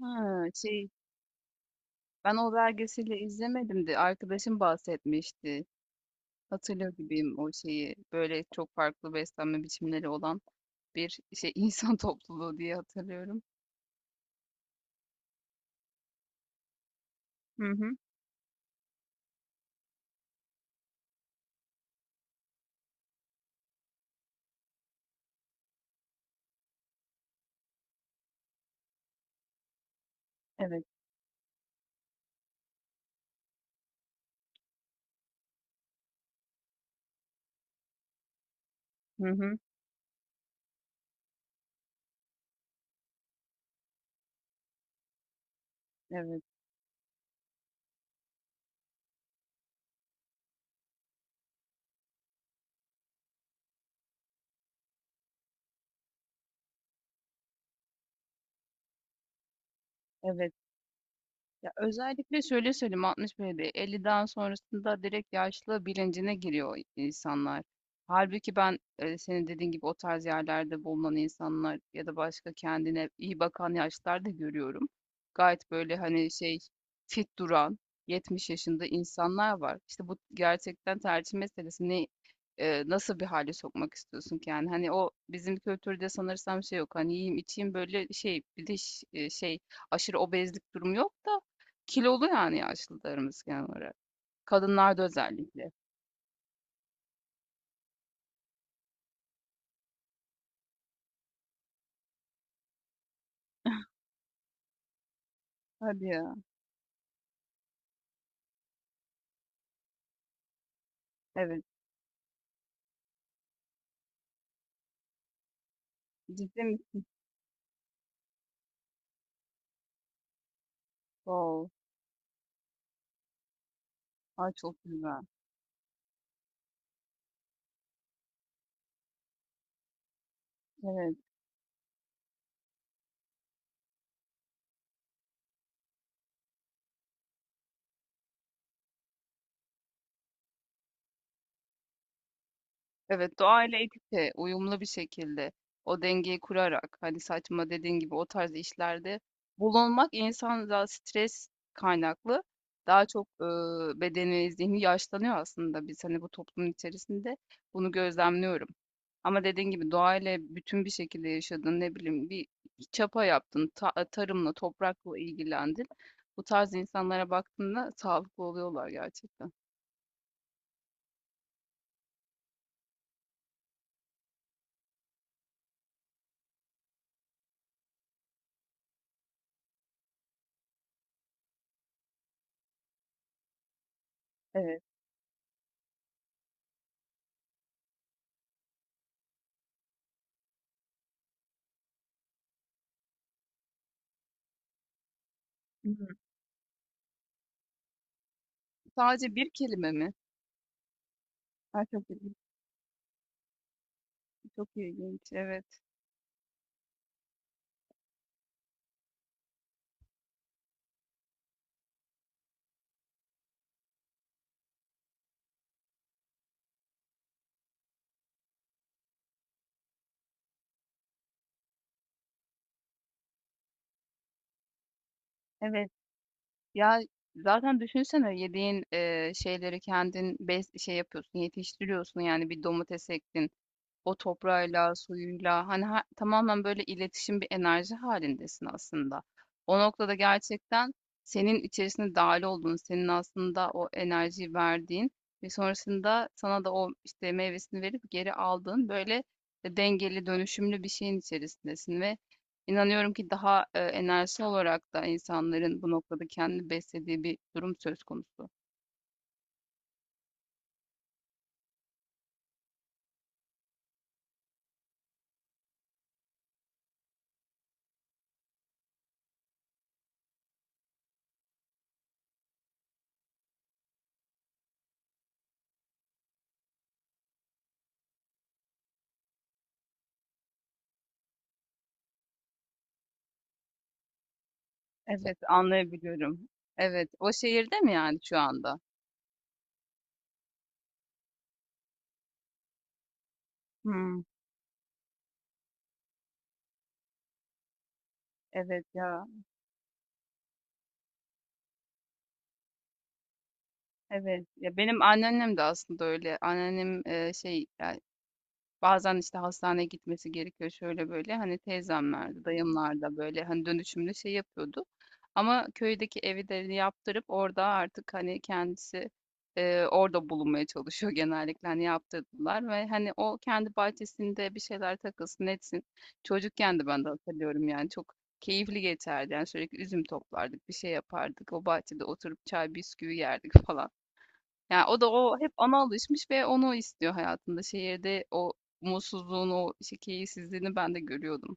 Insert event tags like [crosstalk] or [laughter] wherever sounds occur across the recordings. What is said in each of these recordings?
Ha, şey ben o belgeseli izlemedim de arkadaşım bahsetmişti. Hatırlıyor gibiyim o şeyi. Böyle çok farklı beslenme biçimleri olan bir şey [laughs] insan topluluğu diye hatırlıyorum. Hı hı. Evet. Hı hı. Evet. Evet. Ya özellikle şöyle söyleyeyim 60 böyle 50'den sonrasında direkt yaşlı bilincine giriyor insanlar. Halbuki ben senin dediğin gibi o tarz yerlerde bulunan insanlar ya da başka kendine iyi bakan yaşlılar da görüyorum. Gayet böyle hani şey fit duran 70 yaşında insanlar var. İşte bu gerçekten tercih meselesi. Ne, nasıl bir hale sokmak istiyorsun ki yani? Hani o bizim kültürde sanırsam şey yok. Hani yiyeyim içeyim böyle şey bir de şey aşırı obezlik durumu yok. Kilolu yani yaşlılarımız genel olarak. Kadınlarda özellikle. Hadi ya. Evet. Ciddi misin? Wow. Ay çok güzel. Evet. Evet, doğayla ekipçe, uyumlu bir şekilde o dengeyi kurarak hani saçma dediğin gibi o tarz işlerde bulunmak insan da stres kaynaklı daha çok bedeni, zihni yaşlanıyor aslında biz hani bu toplumun içerisinde bunu gözlemliyorum. Ama dediğin gibi doğayla bütün bir şekilde yaşadın ne bileyim bir çapa yaptın, tarımla, toprakla ilgilendin. Bu tarz insanlara baktığında sağlıklı oluyorlar gerçekten. Evet. Hı hı. Sadece bir kelime mi? A, çok ilginç, çok ilginç. Evet, evet. Ya, zaten düşünsene yediğin, şeyleri kendin bes şey yapıyorsun, yetiştiriyorsun, yani, bir domates ektin. O toprağıyla, suyuyla hani tamamen böyle iletişim bir enerji halindesin aslında. O noktada gerçekten senin içerisinde dahil olduğun, senin aslında o enerjiyi verdiğin ve sonrasında sana da o işte meyvesini verip geri aldığın böyle dengeli, dönüşümlü bir şeyin içerisindesin ve inanıyorum ki daha enerji olarak da insanların bu noktada kendini beslediği bir durum söz konusu. Evet, anlayabiliyorum. Evet, o şehirde mi yani şu anda? Hmm. Evet ya, evet. Ya benim anneannem de aslında öyle. Anneannem, şey, yani bazen, işte, hastaneye gitmesi gerekiyor, şöyle böyle. Hani, teyzemlerde, dayımlarda, böyle, hani, dönüşümlü şey yapıyordu ama köydeki evi de yaptırıp orada artık, hani, kendisi, orada bulunmaya çalışıyor genellikle. Hani, yaptırdılar ve, hani, o kendi bahçesinde bir şeyler takılsın, etsin. Çocukken de ben de hatırlıyorum, yani, çok keyifli geçerdi. Yani, sürekli üzüm toplardık, bir şey yapardık. O bahçede oturup çay bisküvi yerdik falan. Yani o da o hep ona alışmış ve onu istiyor hayatında. Şehirde o mutsuzluğunu, o şey, keyifsizliğini ben de görüyordum.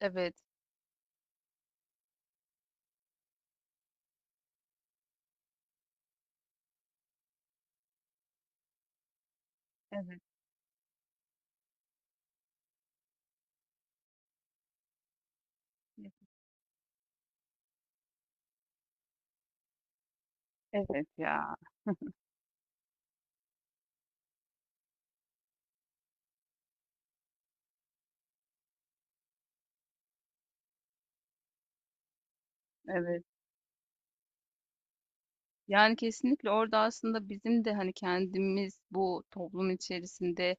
Evet, evet, evet ya, evet. Yani kesinlikle orada aslında bizim de hani kendimiz bu toplum içerisinde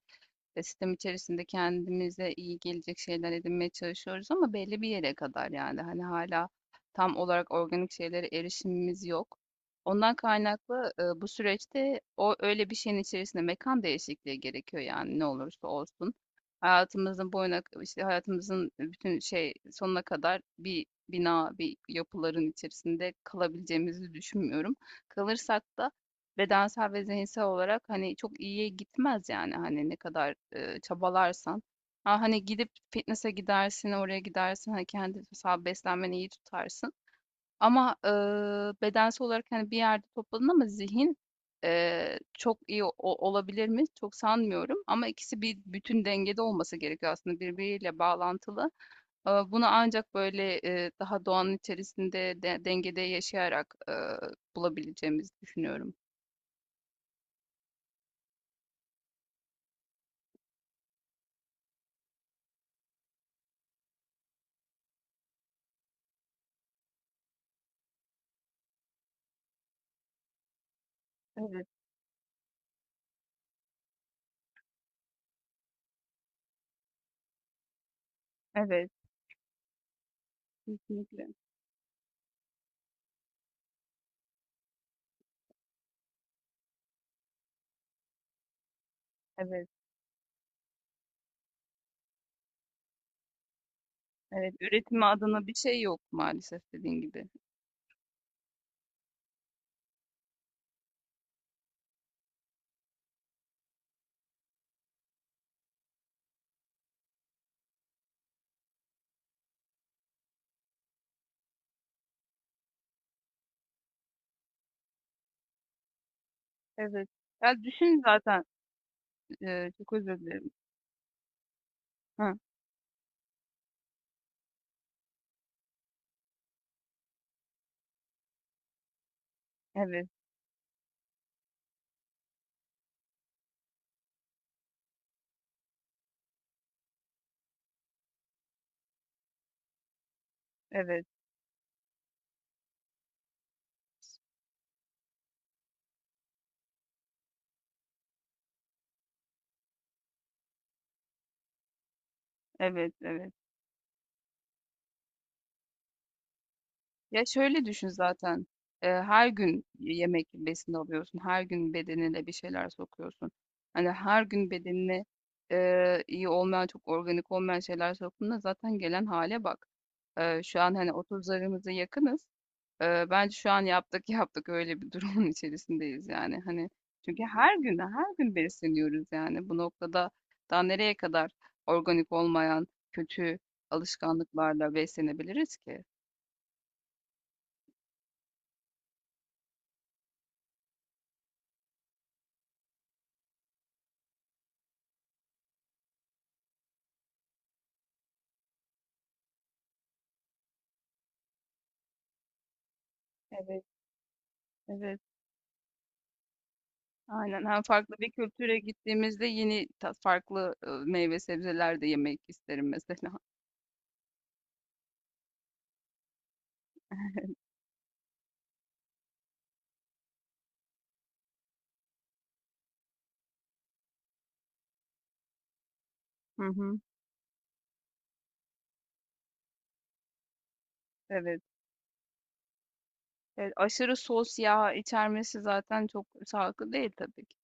Sistem içerisinde kendimize iyi gelecek şeyler edinmeye çalışıyoruz ama belli bir yere kadar yani. Hani hâlâ tam olarak organik şeylere erişimimiz yok. Ondan kaynaklı, bu süreçte o öyle bir şeyin içerisinde mekan değişikliği gerekiyor yani ne olursa olsun. Hayatımızın boyuna işte hayatımızın bütün şey sonuna kadar bir bina, bir yapıların içerisinde kalabileceğimizi düşünmüyorum. Kalırsak da bedensel ve zihinsel olarak, hani, çok iyiye gitmez yani, hani, ne kadar, çabalarsan. Ha, hani, gidip fitnesse gidersin, oraya gidersin, hani, kendi mesela beslenmeni iyi tutarsın ama, bedensel olarak, hani, bir yerde topladın ama zihin, çok iyi o olabilir mi? Çok sanmıyorum ama ikisi bir bütün dengede olması gerekiyor aslında birbiriyle bağlantılı. Bunu ancak böyle, daha doğanın içerisinde de dengede yaşayarak, bulabileceğimizi düşünüyorum. Evet. Evet, kesinlikle. Evet, evet. Üretimi adına bir şey yok maalesef dediğin gibi. Evet. Ya düşün zaten, çok özür dilerim. Ha, evet, evet, evet, evet. Ya şöyle düşün zaten. Her gün yemek besin alıyorsun. Her gün bedenine bir şeyler sokuyorsun. Hani her gün bedenine iyi olmayan, çok organik olmayan şeyler soktuğunda zaten gelen hale bak. Şu an hani 30'larımıza yakınız. Bence şu an yaptık yaptık öyle bir durumun [laughs] içerisindeyiz yani. Hani çünkü her gün her gün besleniyoruz yani. Bu noktada daha nereye kadar organik olmayan kötü alışkanlıklarla beslenebiliriz ki? Evet, evet. Aynen, hem farklı bir kültüre gittiğimizde yeni ta farklı, meyve sebzeler de yemek isterim mesela. [laughs] Hı hı. Evet. Evet, aşırı sos, yağ içermesi zaten çok sağlıklı değil tabii ki.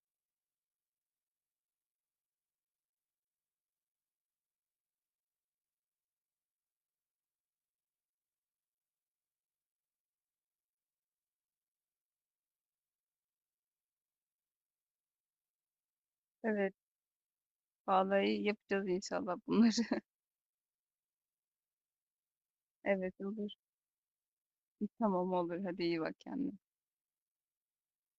Evet, vallahi yapacağız inşallah bunları. [laughs] Evet, olur. Tamam, olur. Hadi iyi bak kendine.